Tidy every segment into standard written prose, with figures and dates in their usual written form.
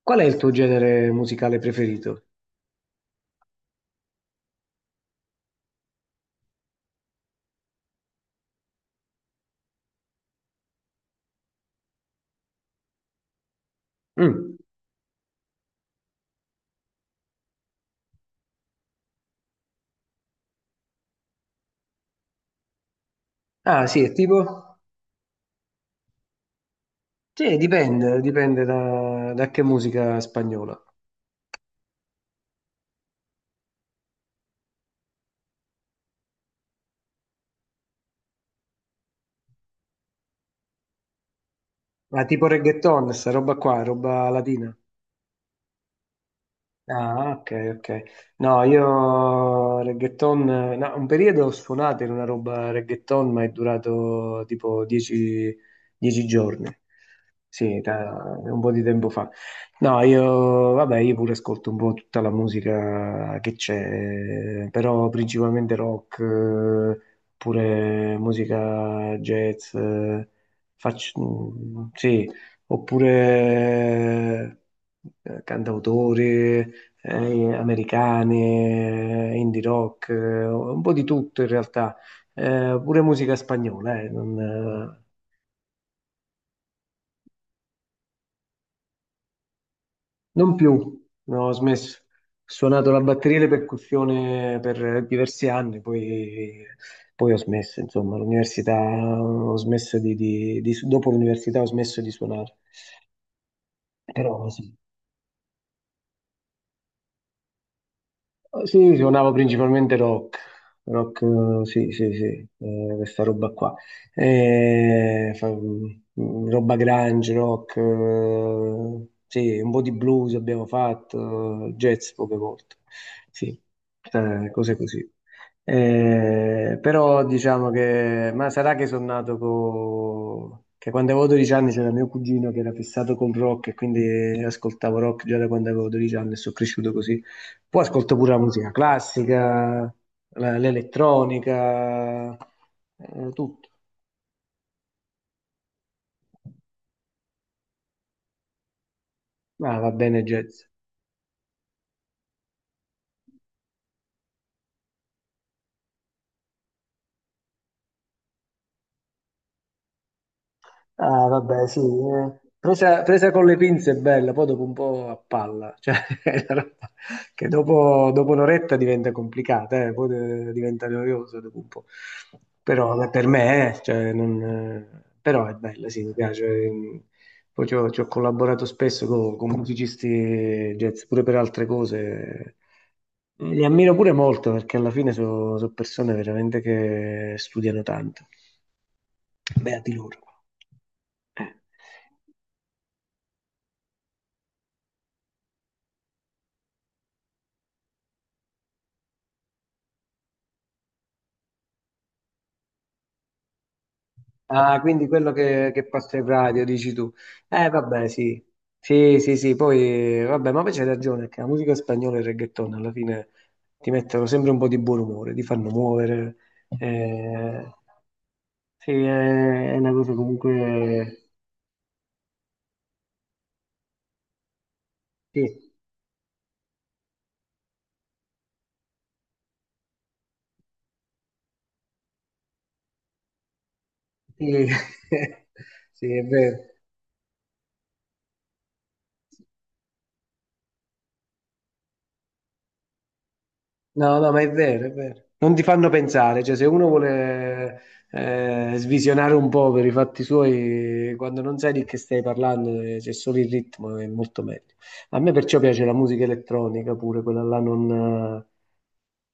Qual è il tuo genere musicale preferito? Mm. Ah, sì, è tipo? Sì, dipende da che musica spagnola. Ma tipo reggaeton, sta roba qua, roba latina. Ah, ok, ok. No, io reggaeton, no, un periodo ho suonato in una roba reggaeton, ma è durato tipo 10 giorni. Sì, un po' di tempo fa. No, io, vabbè, io pure ascolto un po' tutta la musica che c'è, però principalmente rock, pure musica jazz, faccio, sì, oppure cantautori, americane, indie rock, un po' di tutto in realtà. Pure musica spagnola, non, non più, no, ho smesso. Ho suonato la batteria e le percussioni per diversi anni, poi ho smesso, insomma, l'università, ho smesso dopo l'università ho smesso di suonare, però sì. Sì, suonavo principalmente rock, rock, sì, sì, sì, questa roba qua. Roba grunge, rock, sì, un po' di blues abbiamo fatto, jazz poche volte, sì, cose così. Però diciamo che, ma sarà che sono nato che quando avevo 12 anni c'era mio cugino che era fissato col rock e quindi ascoltavo rock già da quando avevo 12 anni e sono cresciuto così. Poi ascolto pure la musica classica, l'elettronica, tutto. Ma va bene jazz. Ah, vabbè, sì. Presa, presa con le pinze è bella, poi dopo un po' a palla, cioè è una roba che dopo un'oretta diventa complicata. Poi diventa noiosa dopo un po'. Però vabbè, per me, cioè, non, però è bella, sì, mi piace. Poi ci ho collaborato spesso con musicisti jazz, pure per altre cose. Li ammiro pure molto perché alla fine sono persone veramente che studiano tanto. Beati loro. Eh. Ah, quindi quello che passa in radio, dici tu. Vabbè, sì. Sì, sì, sì, poi, vabbè, ma poi c'hai ragione, che la musica spagnola e il reggaeton alla fine ti mettono sempre un po' di buon umore, ti fanno muovere. Eh, sì, è una cosa comunque. Sì, sì, sì, è vero. No, no, ma è vero, è vero. Non ti fanno pensare, cioè se uno vuole svisionare un po' per i fatti suoi, quando non sai di che stai parlando, c'è solo il ritmo, è molto meglio. A me perciò piace la musica elettronica pure, quella là non,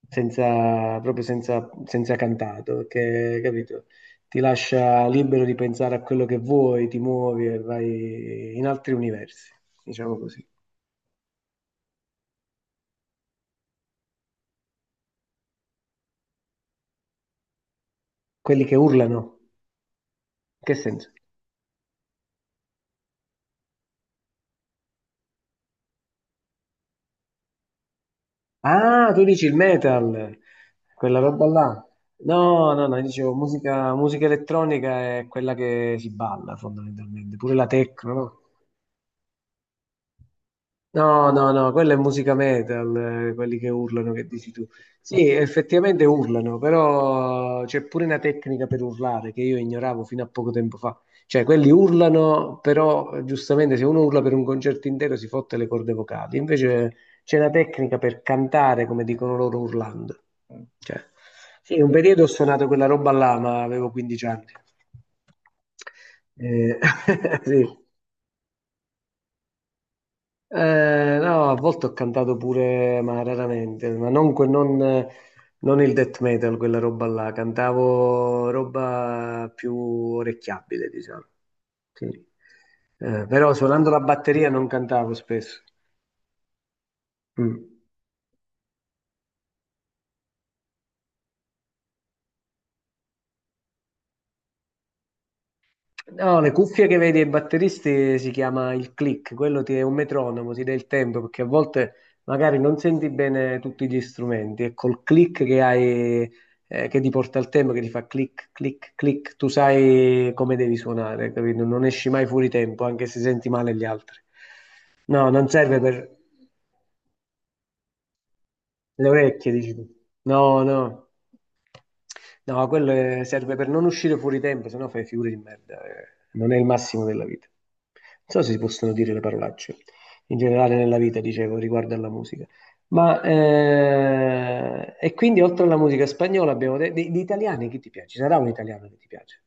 senza, proprio senza, senza cantato, perché, capito, ti lascia libero di pensare a quello che vuoi, ti muovi e vai in altri universi, diciamo così. Quelli che urlano, in che senso? Ah, tu dici il metal, quella roba là. No, no, no, io dicevo musica elettronica è quella che si balla fondamentalmente, pure la techno, no? No, no, no, quella è musica metal, quelli che urlano, che dici tu. Sì, effettivamente urlano, però c'è pure una tecnica per urlare che io ignoravo fino a poco tempo fa. Cioè, quelli urlano, però giustamente se uno urla per un concerto intero si fotte le corde vocali. Invece c'è una tecnica per cantare, come dicono loro, urlando. Cioè, sì, un periodo ho suonato quella roba là, ma avevo 15 anni. Eh, sì. No, a volte ho cantato pure, ma raramente, ma non, non il death metal, quella roba là, cantavo roba più orecchiabile, diciamo. Sì. Però suonando la batteria non cantavo spesso. Mm. No, le cuffie che vedi ai batteristi si chiama il click, quello ti è un metronomo, ti dà il tempo perché a volte magari non senti bene tutti gli strumenti e col click che hai, che ti porta al tempo, che ti fa click, click, click, tu sai come devi suonare, capito? Non esci mai fuori tempo anche se senti male gli altri. No, non serve per. Le orecchie, dici tu. No, no, no, quello serve per non uscire fuori tempo, sennò fai figure di merda. Non è il massimo della vita. Non so se si possono dire le parolacce in generale nella vita, dicevo, riguardo alla musica. Ma e quindi oltre alla musica spagnola abbiamo detto di italiani chi ti piace? Ci sarà un italiano che ti piace?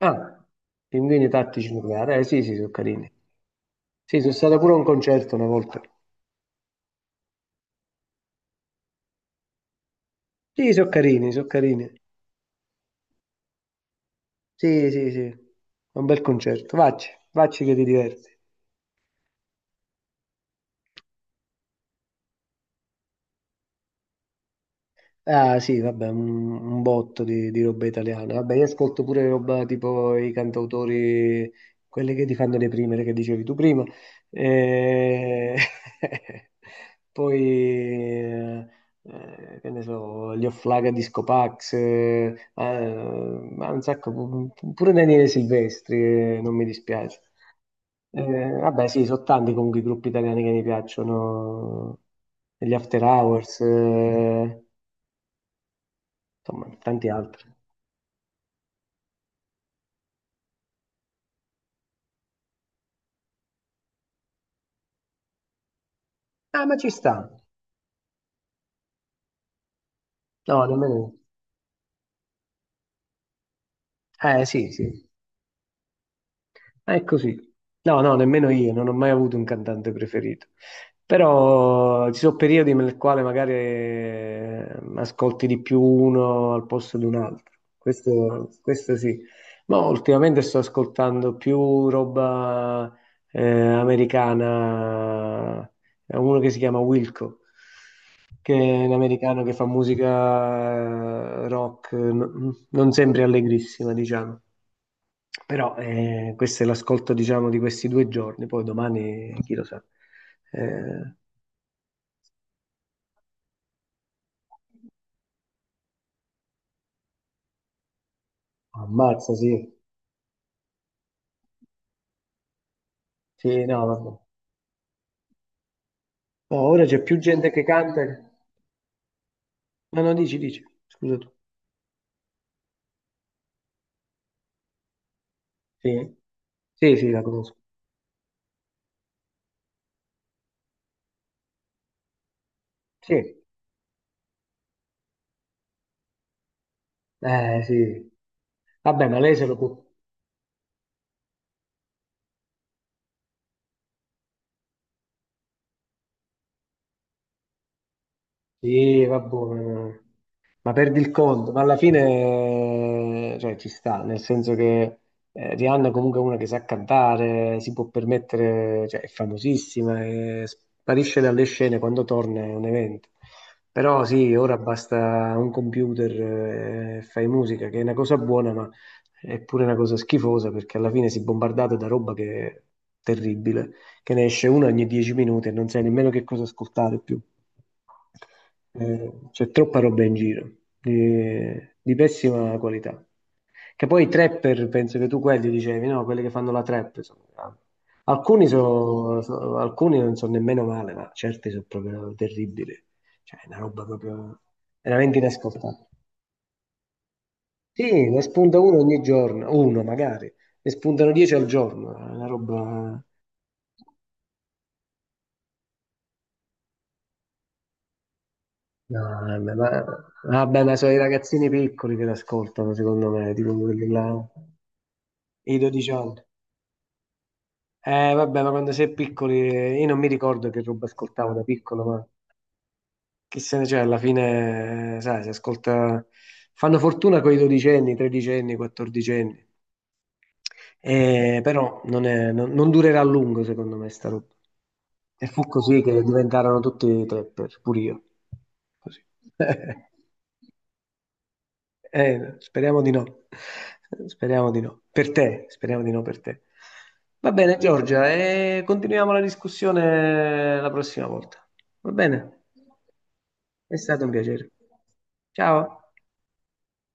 Ah, Pinguini Tattici Nucleari. Eh sì, sì, sono carini. Sì, sono stato pure a un concerto una volta. Sì, sono carini, sono carini. Sì, sì, sì, è un bel concerto. Vacci, vacci che ti diverti. Ah, sì, vabbè, un botto di roba italiana. Vabbè, io ascolto pure roba tipo i cantautori, quelli che ti fanno le prime, che dicevi tu prima. E. Poi, che ne so, gli Offlaga Disco Pax, ah, ma un sacco, pure Daniele Silvestri, non mi dispiace. Eh, Vabbè, sì, sono tanti comunque i gruppi italiani che mi piacciono, gli After Hours, insomma, tanti altri. Ah, ma ci sta. No, nemmeno io. Sì, sì. È così. No, no, nemmeno io, non ho mai avuto un cantante preferito. Però ci sono periodi nel quale magari ascolti di più uno al posto di un altro. Questo sì. Ma ultimamente sto ascoltando più roba americana. È uno che si chiama Wilco, che è un americano che fa musica rock, non sempre allegrissima, diciamo. Però questo è l'ascolto, diciamo, di questi 2 giorni, poi domani chi lo sa. Eh, Ammazza, sì. Sì, no, vabbè. No, ora c'è più gente che canta. No, no, dici, dici. Scusa tu. Sì, sì, sì, la conosco. Sì, sì. Vabbè, ma lei se lo può. Sì, vabbè, ma perdi il conto, ma alla fine cioè, ci sta, nel senso che Rihanna è comunque una che sa cantare, si può permettere, cioè, è famosissima, e sparisce dalle scene quando torna è un evento. Però sì, ora basta un computer e fai musica, che è una cosa buona, ma è pure una cosa schifosa perché alla fine si è bombardato da roba che è terribile che ne esce una ogni 10 minuti e non sai nemmeno che cosa ascoltare più. C'è troppa roba in giro, di, di, pessima qualità. Che poi i trapper, penso che tu quelli dicevi, no? Quelli che fanno la trap. Grandi. Alcuni, alcuni non sono nemmeno male, ma certi sono proprio terribili. Cioè, è una roba proprio veramente inascoltabile. Sì, ne spunta uno ogni giorno, uno magari, ne spuntano 10 al giorno, è una roba. No, vabbè, ma sono i ragazzini piccoli che l'ascoltano, secondo me, tipo quelli là, i 12 anni. Vabbè, ma quando sei piccoli, io non mi ricordo che roba ascoltavo da piccolo, ma chi se ne c'è, alla fine, sai, si ascolta. Fanno fortuna con i dodicenni, tredicenni, quattordicenni. Però non, non durerà a lungo, secondo me, sta roba. E fu così che diventarono tutti trapper, pure io. Così. Speriamo di no. Speriamo di no. Per te, speriamo di no per te. Va bene, Giorgia, e continuiamo la discussione la prossima volta. Va bene? È stato un piacere. Ciao.